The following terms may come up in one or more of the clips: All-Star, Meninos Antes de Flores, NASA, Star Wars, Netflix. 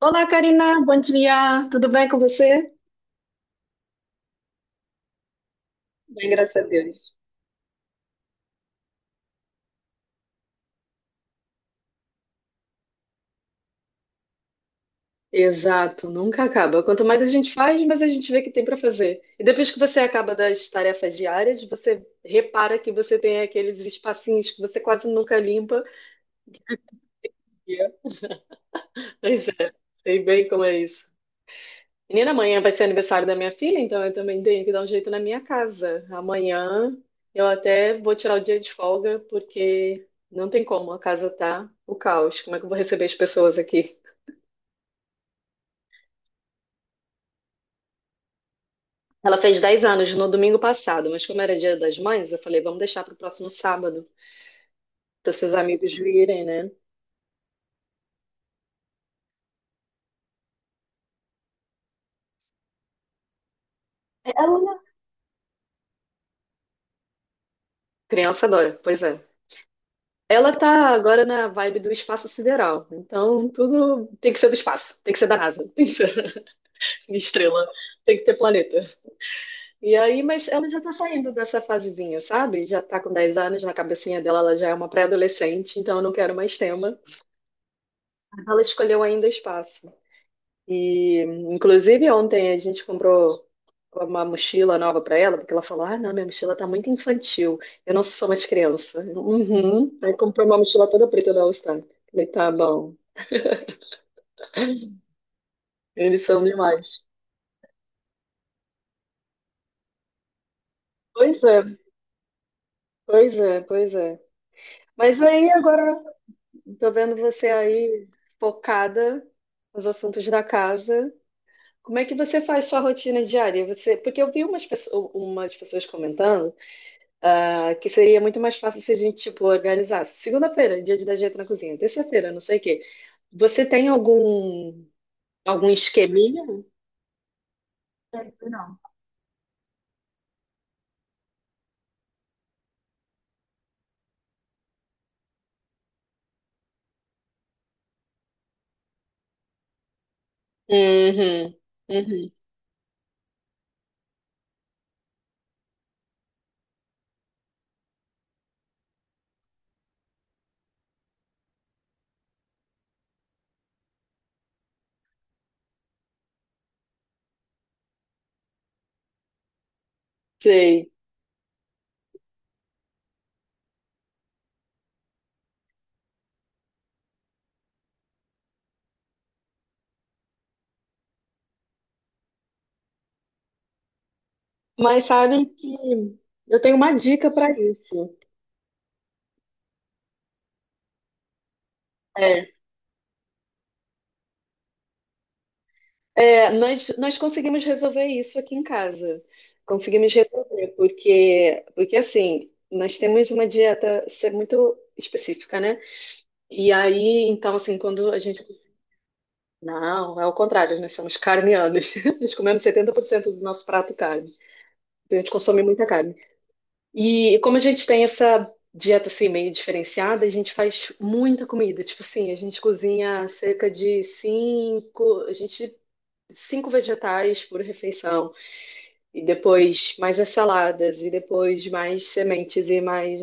Olá, Karina, bom dia. Tudo bem com você? Bem, graças a Deus. Exato, nunca acaba. Quanto mais a gente faz, mais a gente vê que tem para fazer. E depois que você acaba das tarefas diárias, você repara que você tem aqueles espacinhos que você quase nunca limpa. Yeah. Pois é, sei bem como é isso. Menina, amanhã vai ser aniversário da minha filha, então eu também tenho que dar um jeito na minha casa. Amanhã eu até vou tirar o dia de folga, porque não tem como, a casa tá o caos. Como é que eu vou receber as pessoas aqui? Ela fez 10 anos no domingo passado, mas como era Dia das Mães, eu falei, vamos deixar para o próximo sábado, para os seus amigos virem, né? Ela, criança adora, pois é. Ela tá agora na vibe do espaço sideral, então tudo tem que ser do espaço, tem que ser da NASA, tem que ser estrela, tem que ter planeta. E aí, mas ela já tá saindo dessa fasezinha, sabe? Já tá com 10 anos, na cabecinha dela ela já é uma pré-adolescente, então eu não quero mais tema. Ela escolheu ainda espaço. E, inclusive, ontem a gente comprou uma mochila nova para ela, porque ela falou: "Ah, não, minha mochila tá muito infantil, eu não sou mais criança." Uhum. Aí comprou uma mochila toda preta da All-Star. Falei: "Tá bom, eles são demais." Pois é, pois é, pois é. Mas aí agora tô vendo você aí focada nos assuntos da casa. Como é que você faz sua rotina diária? Você, porque eu vi umas pessoas comentando. Ah, que seria muito mais fácil se a gente, tipo, organizasse. Segunda-feira, dia de dar jeito na cozinha. Terça-feira, não sei o quê. Você tem algum, algum esqueminha? Uhum, uhum, sei. Mas sabem que eu tenho uma dica para isso. É, é, nós conseguimos resolver isso aqui em casa. Conseguimos resolver, porque, porque assim, nós temos uma dieta ser muito específica, né? E aí, então, assim, quando a gente. Não, é o contrário, nós somos carnianos. Nós comemos 70% do nosso prato carne. Então a gente consome muita carne. E como a gente tem essa dieta assim meio diferenciada, a gente faz muita comida. Tipo assim, a gente cozinha cerca de cinco, a gente cinco vegetais por refeição e depois mais as saladas e depois mais sementes e mais.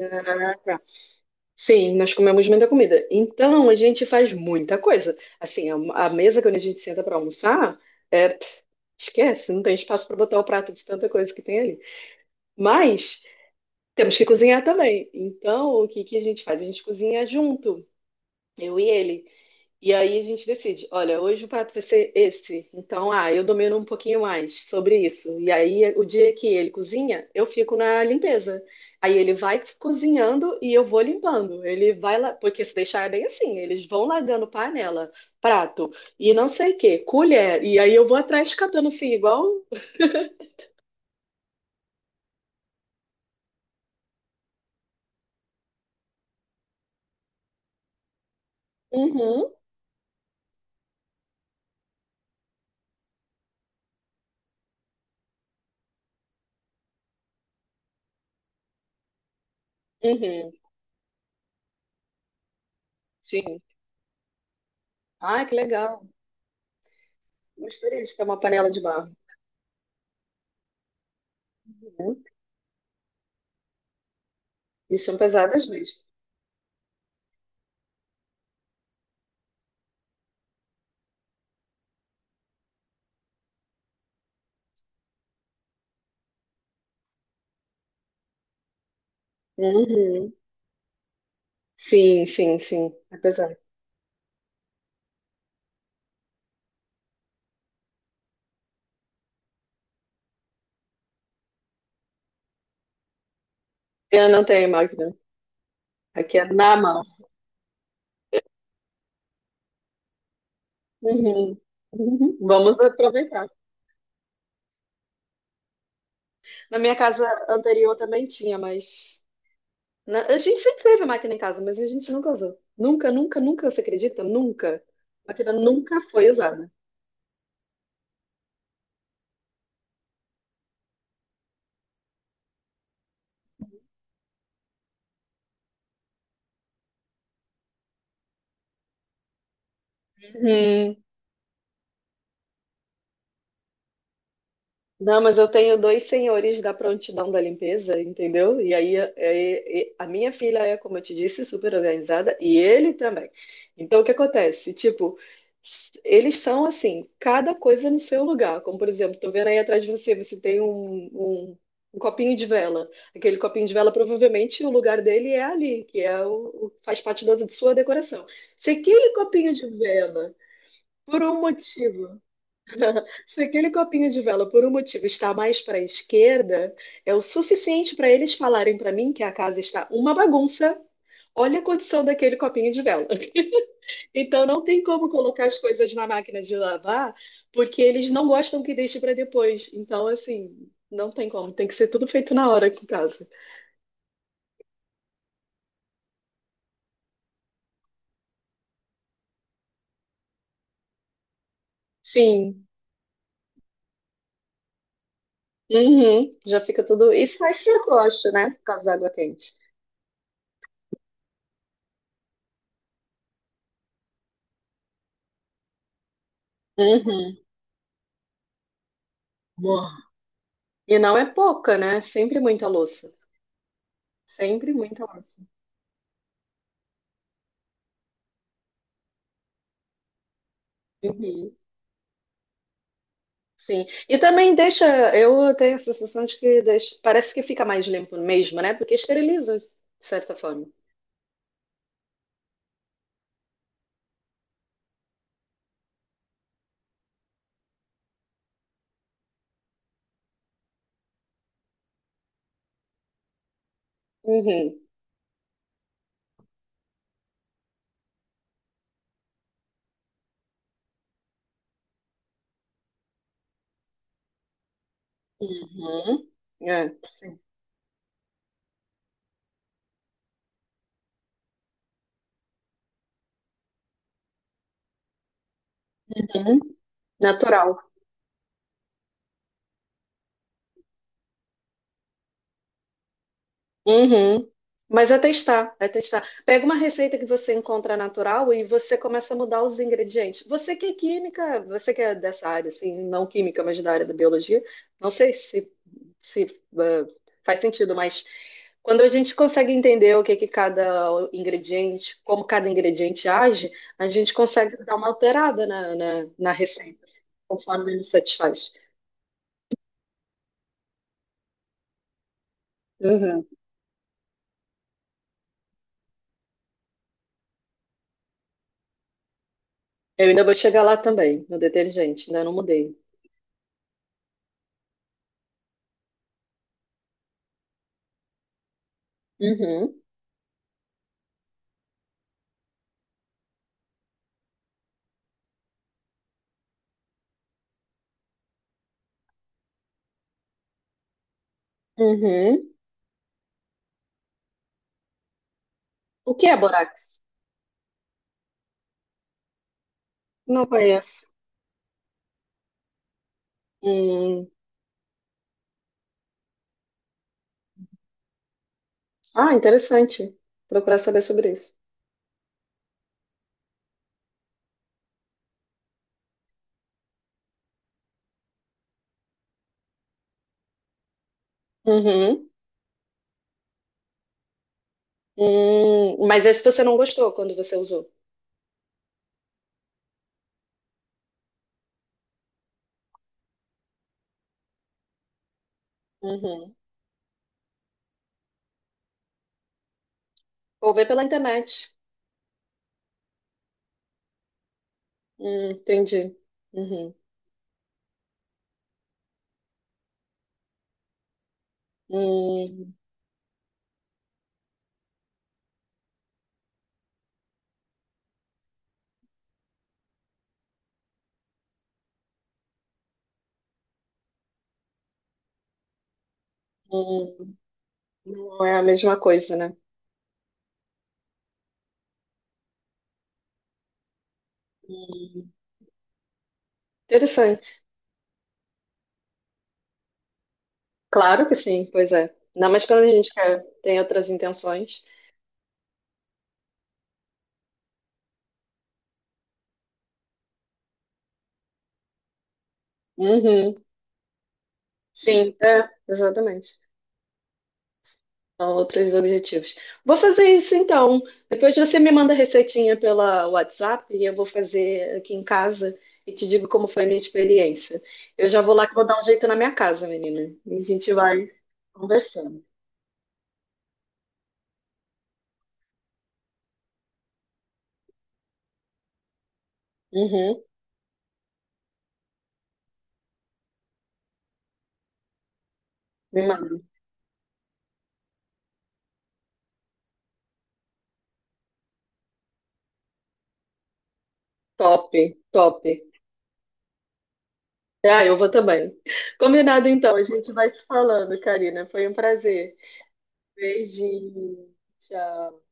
Sim, nós comemos muita comida. Então, a gente faz muita coisa. Assim, a mesa quando a gente senta para almoçar, é, pss, esquece, não tem espaço para botar o prato de tanta coisa que tem ali. Mas temos que cozinhar também. Então, o que que a gente faz? A gente cozinha junto, eu e ele. E aí a gente decide, olha, hoje o prato vai ser esse. Então, ah, eu domino um pouquinho mais sobre isso. E aí, o dia que ele cozinha, eu fico na limpeza. Aí ele vai cozinhando e eu vou limpando. Ele vai lá, porque se deixar é bem assim, eles vão largando panela, prato e não sei o quê, colher. E aí eu vou atrás catando assim, igual. Uhum, uhum, sim. Ah, que legal. Gostaria de ter uma panela de barro. Uhum. E são pesadas mesmo. Uhum. Sim, sim, sim. É pesado. Eu não tenho máquina. Aqui é na mão. Uhum. Uhum. Vamos aproveitar. Na minha casa anterior também tinha, mas. Na- A gente sempre teve máquina em casa, mas a gente nunca usou. Nunca, nunca, nunca, você acredita? Nunca. A máquina nunca foi usada. Uhum. Não, mas eu tenho dois senhores da prontidão da limpeza, entendeu? E aí a minha filha é, como eu te disse, super organizada e ele também. Então o que acontece? Tipo, s- eles são assim, cada coisa no seu lugar. Como por exemplo, tô vendo aí atrás de você, você tem um copinho de vela. Aquele copinho de vela, provavelmente o lugar dele é ali, que é faz parte da sua decoração. Se aquele copinho de vela, por um motivo Se aquele copinho de vela por um motivo está mais para a esquerda, é o suficiente para eles falarem para mim que a casa está uma bagunça. Olha a condição daquele copinho de vela. Então não tem como colocar as coisas na máquina de lavar, porque eles não gostam que deixe para depois. Então, assim, não tem como. Tem que ser tudo feito na hora aqui em casa. Sim. Uhum. Já fica tudo. E sai sacoche, né? Por causa da água quente. Uhum. Boa. E não é pouca, né? Sempre muita louça. Sempre muita louça. Uhum, sim. E também deixa, eu tenho a sensação de que deixa, parece que fica mais limpo mesmo, né? Porque esteriliza, de certa forma. Uhum. Uhum. É, sim. Uhum. Natural. Uhum. Mas é testar, é testar. Pega uma receita que você encontra natural e você começa a mudar os ingredientes. Você que é química, você que é dessa área, assim, não química, mas da área da biologia, não sei se eh, faz sentido, mas quando a gente consegue entender o que que cada ingrediente, como cada ingrediente age, a gente consegue dar uma alterada na receita, assim, conforme nos satisfaz. Uhum. Eu ainda vou chegar lá também, no detergente, ainda não mudei. Uhum. Uhum. O que é borax? Não conheço. Hum. Ah, interessante. Procurar saber sobre isso. Uhum. Hum. Mas esse você não gostou quando você usou? Uhum. Vou ver pela internet. Entendi. Uhum. Hum, hum. Não é a mesma coisa, né? Interessante. Claro que sim, pois é. Ainda mais quando a gente quer, tem outras intenções. Uhum. Sim, é, exatamente. São outros objetivos. Vou fazer isso então. Depois você me manda a receitinha pela WhatsApp e eu vou fazer aqui em casa e te digo como foi a minha experiência. Eu já vou lá que vou dar um jeito na minha casa, menina. E a gente vai conversando. Uhum. Me manda. Top, top. Ah, eu vou também. Combinado então, a gente vai se falando, Karina. Foi um prazer. Beijinho. Tchau.